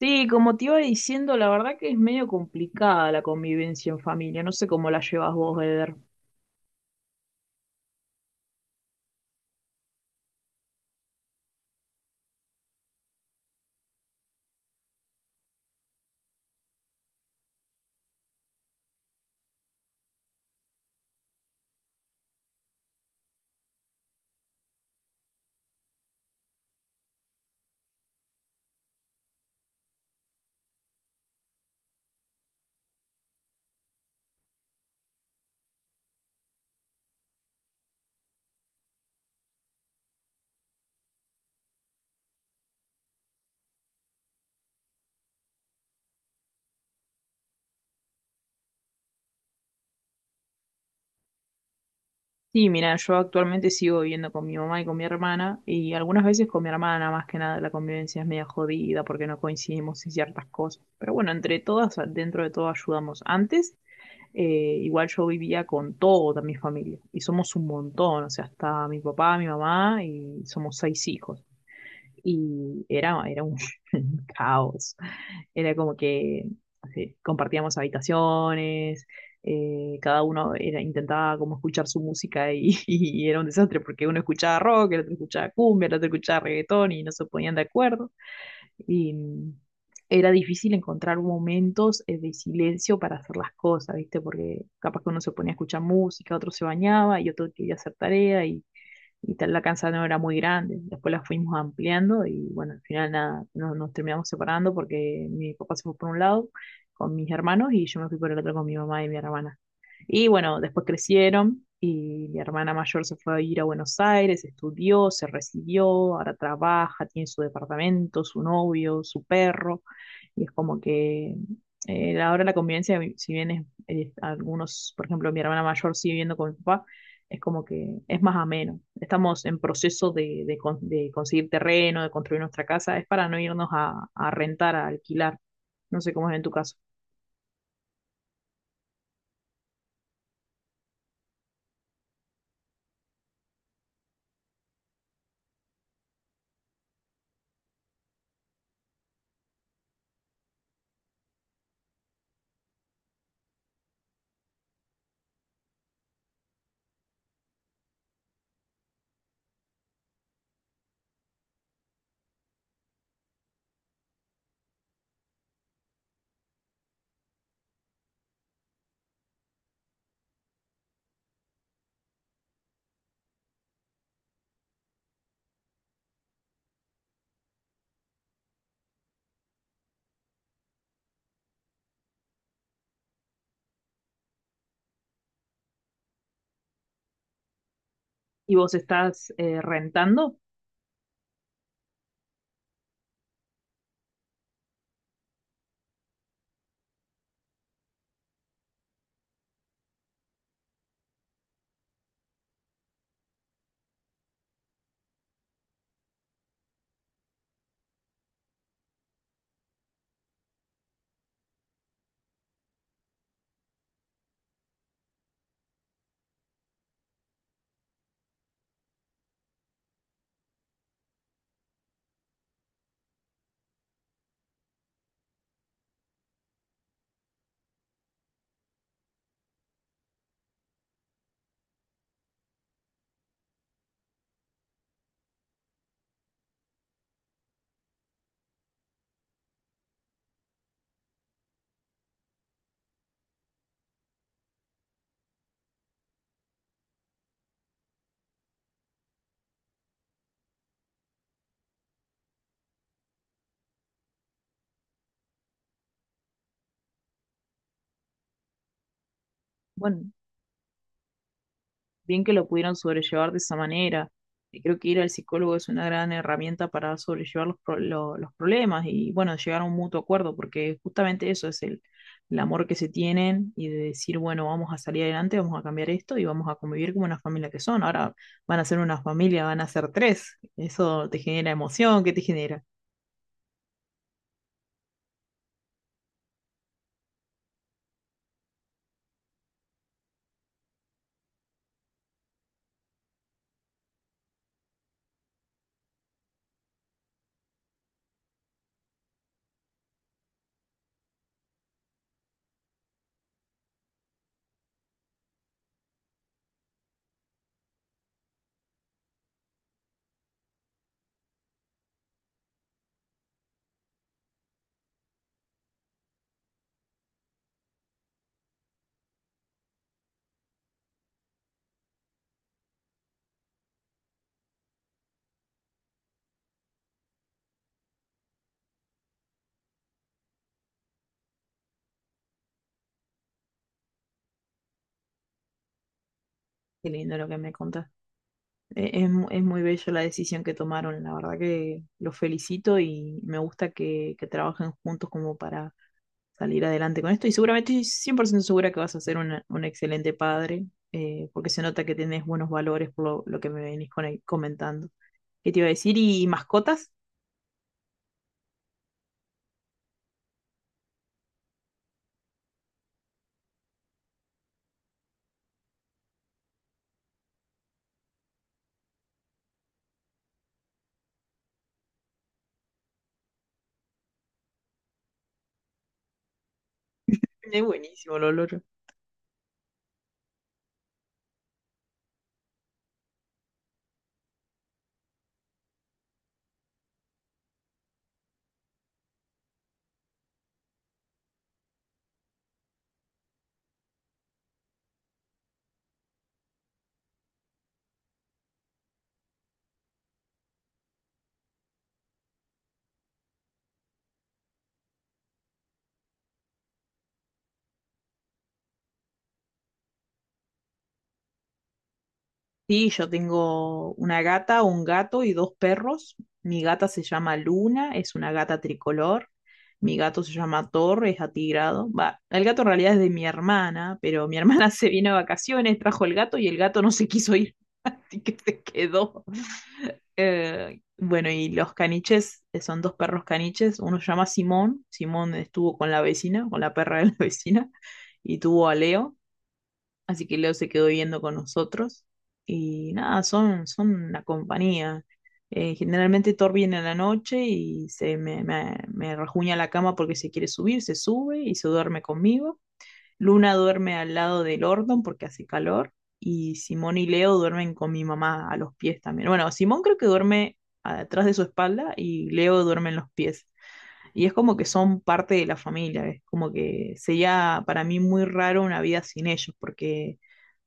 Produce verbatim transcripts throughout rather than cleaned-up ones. Sí, como te iba diciendo, la verdad que es medio complicada la convivencia en familia. No sé cómo la llevas vos, Eder. Sí, mira, yo actualmente sigo viviendo con mi mamá y con mi hermana, y algunas veces con mi hermana, más que nada, la convivencia es media jodida porque no coincidimos en ciertas cosas. Pero bueno, entre todas, dentro de todo ayudamos. Antes, eh, igual yo vivía con toda mi familia, y somos un montón, o sea, hasta mi papá, mi mamá, y somos seis hijos. Y era, era un caos. Era como que así, compartíamos habitaciones, eh, cada uno era, intentaba como escuchar su música y, y era un desastre porque uno escuchaba rock, el otro escuchaba cumbia, el otro escuchaba reggaetón y no se ponían de acuerdo. Y mm, era difícil encontrar momentos eh, de silencio para hacer las cosas, ¿viste? Porque capaz que uno se ponía a escuchar música, otro se bañaba y otro quería hacer tarea y tal, la casa no era muy grande. Después la fuimos ampliando y bueno, al final nada, no- nos, terminamos separando porque mi papá se fue por un lado con mis hermanos y yo me fui por el otro con mi mamá y mi hermana. Y bueno, después crecieron y mi hermana mayor se fue a ir a Buenos Aires, estudió, se recibió, ahora trabaja, tiene su departamento, su novio, su perro. Y es como que eh, ahora la convivencia, si bien es, es algunos, por ejemplo, mi hermana mayor sigue viviendo con mi papá, es como que es más ameno. Estamos en proceso de, de con- de conseguir terreno, de construir nuestra casa, es para no irnos a, a rentar, a alquilar. No sé cómo es en tu caso. ¿Y vos estás eh, rentando? Bueno, bien que lo pudieron sobrellevar de esa manera. Y creo que ir al psicólogo es una gran herramienta para sobrellevar los, pro- lo- los problemas y, bueno, llegar a un mutuo acuerdo, porque justamente eso es el, el amor que se tienen y de decir, bueno, vamos a salir adelante, vamos a cambiar esto y vamos a convivir como una familia que son. Ahora van a ser una familia, van a ser tres. Eso te genera emoción, ¿qué te genera? Qué lindo lo que me contás. Eh, Es, mu- es muy bello la decisión que tomaron, la verdad que los felicito y me gusta que, que trabajen juntos como para salir adelante con esto y seguramente estoy cien por ciento segura que vas a ser una- un excelente padre, eh, porque se nota que tenés buenos valores por lo, lo que me venís con- eh, comentando. ¿Qué te iba a decir? ¿Y mascotas? Es buenísimo, Lolo. Sí, yo tengo una gata, un gato y dos perros. Mi gata se llama Luna, es una gata tricolor. Mi gato se llama Thor, es atigrado. Va, el gato en realidad es de mi hermana, pero mi hermana se vino a vacaciones, trajo el gato y el gato no se quiso ir, así que se quedó. Eh, bueno, y los caniches, eh, son dos perros caniches. Uno se llama Simón, Simón estuvo con la vecina, con la perra de la vecina, y tuvo a Leo. Así que Leo se quedó viviendo con nosotros y nada, son, son una compañía. Eh, generalmente Thor viene a la noche y se me, me, me rajuña la cama porque se quiere subir, se sube y se duerme conmigo. Luna duerme al lado del Ordon porque hace calor y Simón y Leo duermen con mi mamá a los pies también. Bueno, Simón creo que duerme atrás de su espalda y Leo duerme en los pies. Y es como que son parte de la familia, es como que sería para mí muy raro una vida sin ellos porque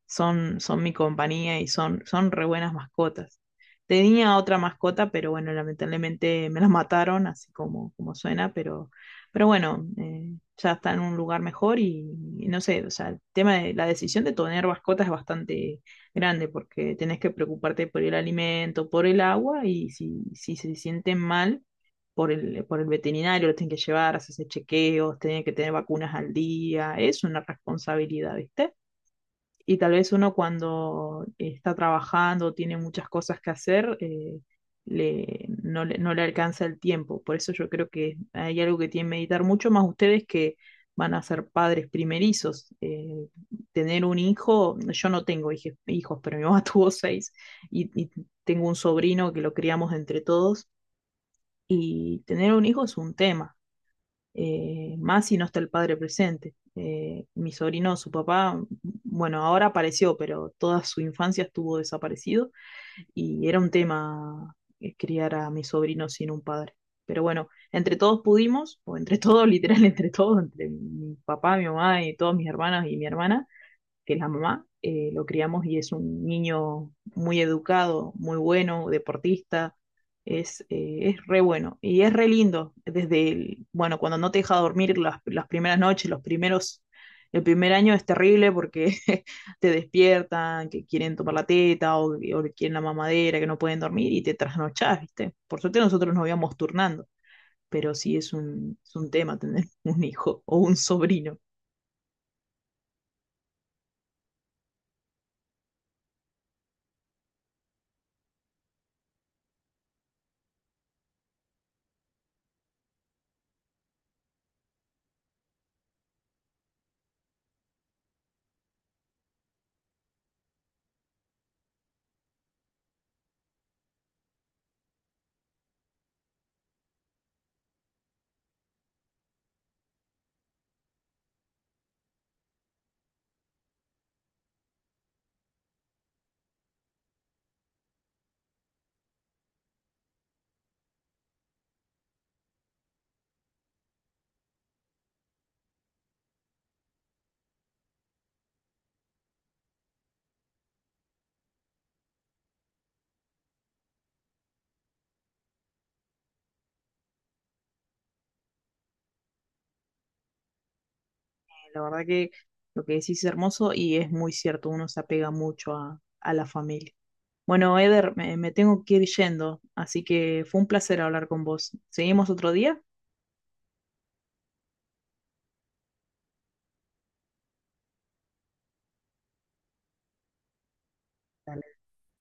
son, son mi compañía y son, son re buenas mascotas. Tenía otra mascota, pero bueno, lamentablemente me la mataron, así como, como suena, pero, pero bueno, eh, ya está en un lugar mejor y, y no sé, o sea, el tema de la decisión de tener mascotas es bastante grande porque tenés que preocuparte por el alimento, por el agua y si, si se sienten mal por el, por el veterinario, lo tienen que llevar, hacerse chequeos, tienen que tener vacunas al día, es una responsabilidad, ¿viste? Y tal vez uno cuando está trabajando, tiene muchas cosas que hacer, eh, le, no, le, no le alcanza el tiempo. Por eso yo creo que hay algo que tienen que meditar mucho más ustedes que van a ser padres primerizos. Eh, tener un hijo, yo no tengo hije- hijos, pero mi mamá tuvo seis y, y tengo un sobrino que lo criamos entre todos. Y tener un hijo es un tema eh, más si no está el padre presente. Eh, mi sobrino, su papá, bueno, ahora apareció, pero toda su infancia estuvo desaparecido y era un tema eh, criar a mi sobrino sin un padre. Pero bueno, entre todos pudimos, o entre todos, literal, entre todos, entre mi papá, mi mamá y todas mis hermanas y mi hermana, que es la mamá, eh, lo criamos y es un niño muy educado, muy bueno, deportista, es, eh, es re bueno y es re lindo desde el, bueno, cuando no te deja dormir las, las primeras noches, los primeros, el primer año es terrible porque te despiertan, que quieren tomar la teta o, o quieren la mamadera, que no pueden dormir y te trasnochás, ¿viste? Por suerte nosotros nos íbamos turnando. Pero sí es un, es un tema tener un hijo o un sobrino. La verdad que lo que decís es hermoso y es muy cierto, uno se apega mucho a, a la familia. Bueno, Eder, me, me tengo que ir yendo, así que fue un placer hablar con vos. ¿Seguimos otro día? Dale.